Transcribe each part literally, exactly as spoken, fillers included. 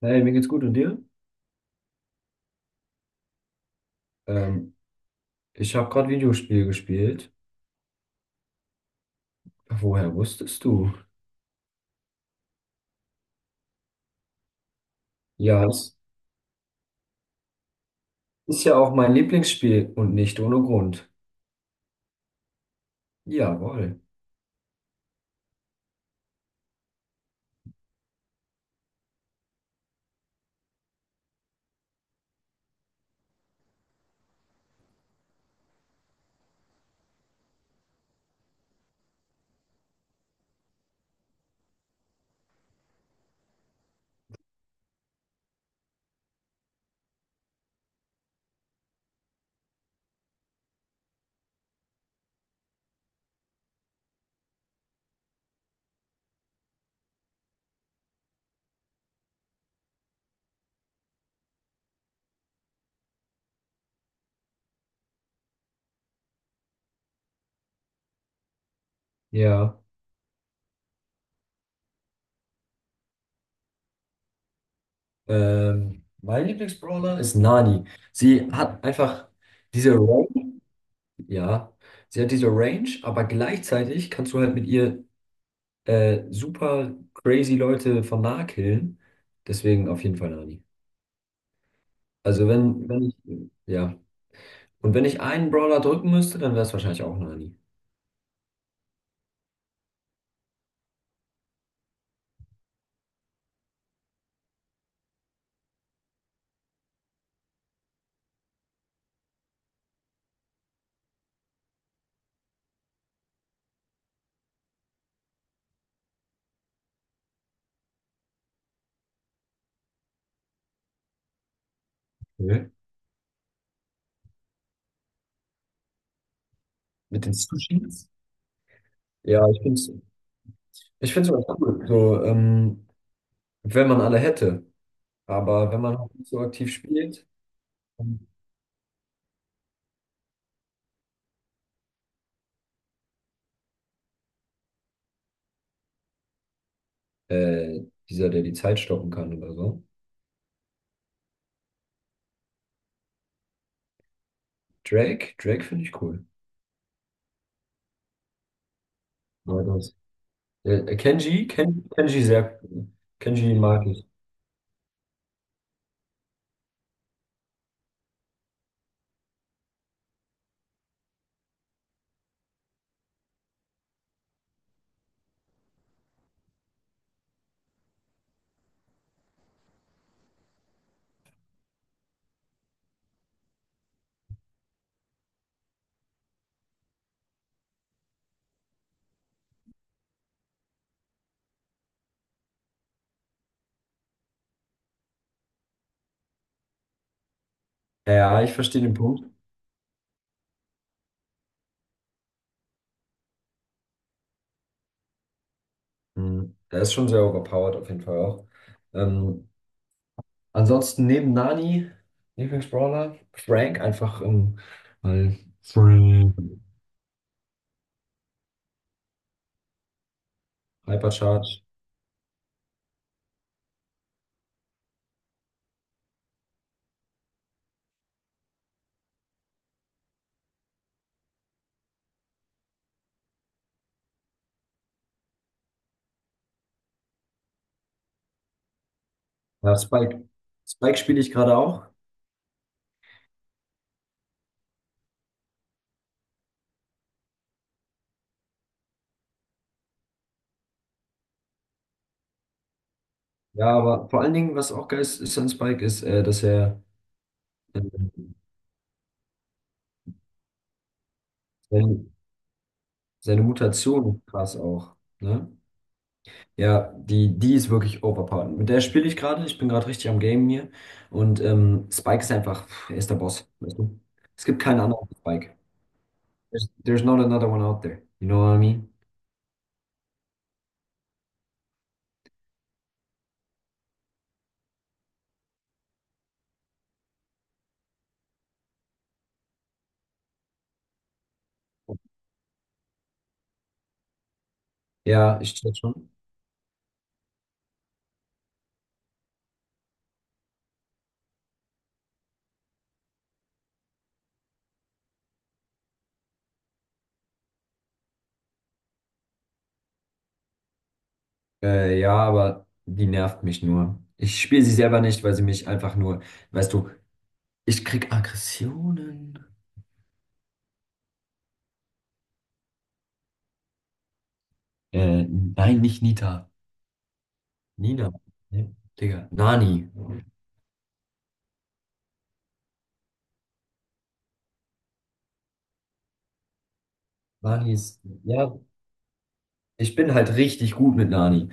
Hey, mir geht's gut und dir? Ähm, Ich habe gerade Videospiel gespielt. Woher wusstest du? Ja, es ist ja auch mein Lieblingsspiel und nicht ohne Grund. Jawohl. Ja, ähm, mein Lieblingsbrawler ist Nani. Sie hat einfach diese Range, ja, sie hat diese Range, aber gleichzeitig kannst du halt mit ihr äh, super crazy Leute von nah killen. Deswegen auf jeden Fall Nani. Also wenn, wenn ich, ja. Und wenn ich einen Brawler drücken müsste, dann wäre es wahrscheinlich auch Nani. Okay. Mit den Sushis? Ja, ich finde es ich find's immer cool, so, ähm, wenn man alle hätte. Aber wenn man halt nicht so aktiv spielt, äh, dieser, der die Zeit stoppen kann oder so. Drake, Drake finde ich cool. Ja, das. Äh, Kenji, Ken, Kenji sehr, cool. Kenji mag ich. Ja, ja, ich verstehe den Punkt. Mhm. Der ist schon sehr overpowered auf jeden Fall auch. Ähm, Ansonsten neben Nani, Lieblingsbrawler, Frank einfach ähm, weil Frank. Hypercharge. Ja, Spike. Spike spiele ich gerade auch. Ja, aber vor allen Dingen, was auch geil ist, ist an Spike, ist, äh, dass er äh, seine, seine Mutation krass auch. Ne? Ja, die, die ist wirklich overpowered. Mit der spiele ich gerade. Ich bin gerade richtig am Game hier. Und ähm, Spike ist einfach, pff, er ist der Boss. Weißt du? Es gibt keinen anderen als Spike. There's, there's not another one out there. You know what I mean? Ja, ich check schon. Äh, ja, aber die nervt mich nur. Ich spiele sie selber nicht, weil sie mich einfach nur, weißt du, ich krieg Aggressionen. Äh, nein, nicht Nita. Nina. Ne? Digga. Nani. Nani ist, ja, ich bin halt richtig gut mit Nani.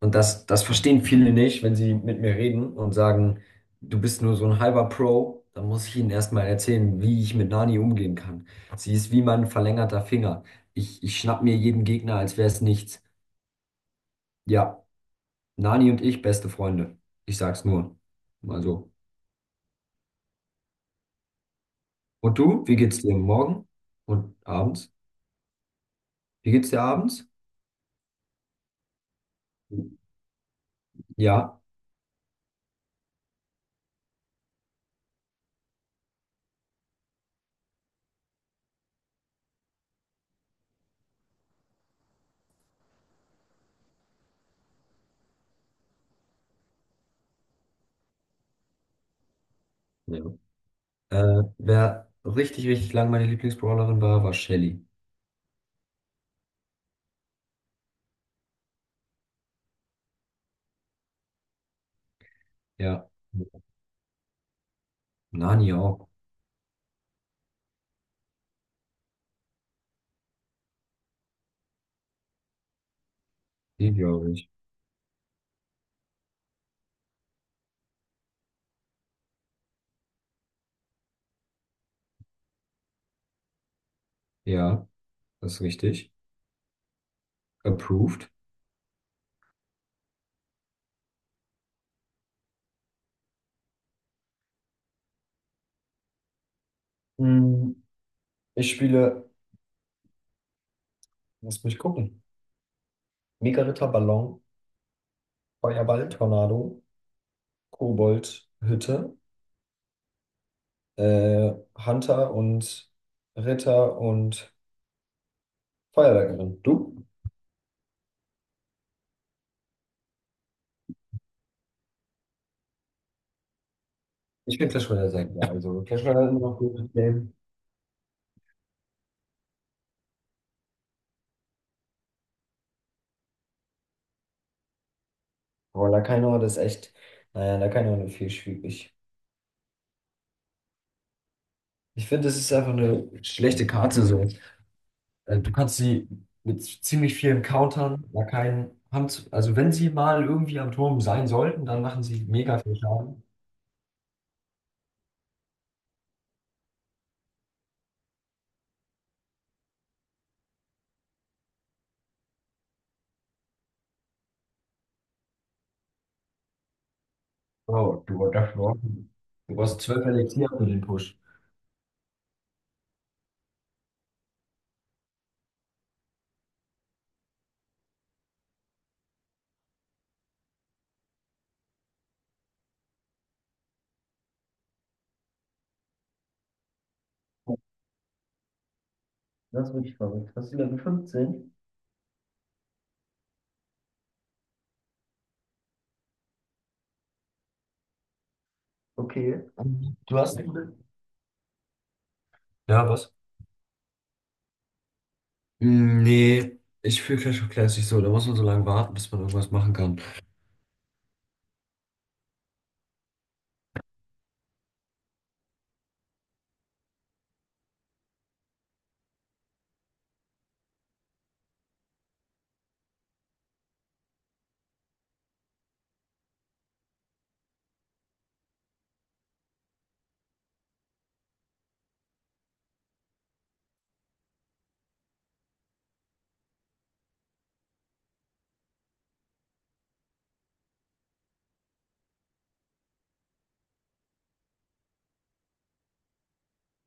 Und das, das verstehen viele nicht, wenn sie mit mir reden und sagen, du bist nur so ein halber Pro. Dann muss ich ihnen erstmal erzählen, wie ich mit Nani umgehen kann. Sie ist wie mein verlängerter Finger. Ich, ich schnapp mir jeden Gegner, als wäre es nichts. Ja, Nani und ich beste Freunde. Ich sag's nur. Mal so. Und du, wie geht's dir morgen und abends? Wie geht's dir abends? Ja. Ja. Äh, wer richtig, richtig lang meine Lieblingsbrawlerin war, war Shelly. Ja. Nani auch. Die glaube ich. Ja, das ist richtig. Approved. Hm, ich spiele, lass mich gucken. Mega Ritter Ballon, Feuerball, Tornado, Kobold, Hütte. äh, Hunter und Ritter und Feuerwerkerin. Du? Ich finde Clash Royale sehr geil. Also Clash Royale ist immer noch ein gutes Game. Aber Lacaino, das ist echt, naja, Lacaino ist viel schwierig. Ich finde, das ist einfach eine schlechte Karte so. Äh, Du kannst sie mit ziemlich vielen Countern, Lakaien haben, zu- also wenn sie mal irgendwie am Turm sein sollten, dann machen sie mega viel Schaden. Oh, du darfst nur. Du brauchst zwölf Elixier für den Push. Das ist wirklich verrückt. Hast du Level fünfzehn? Okay. Und du hast eine. Ja, was? Mm, nee, ich fühle Clash of Clans nicht so. Da muss man so lange warten, bis man irgendwas machen kann.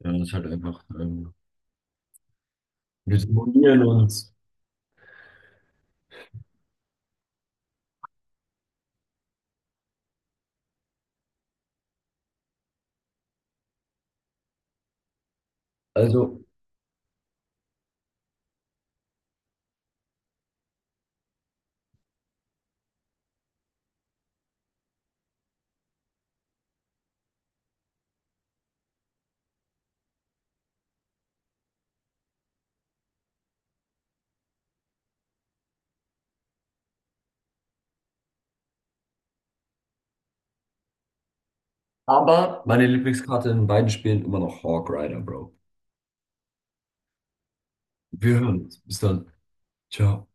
Ja, das ist halt einfach. Ähm, wir simulieren uns. Also, aber meine Lieblingskarte in beiden Spielen immer noch Hawk Rider, Bro. Wir hören uns. Bis dann. Ciao.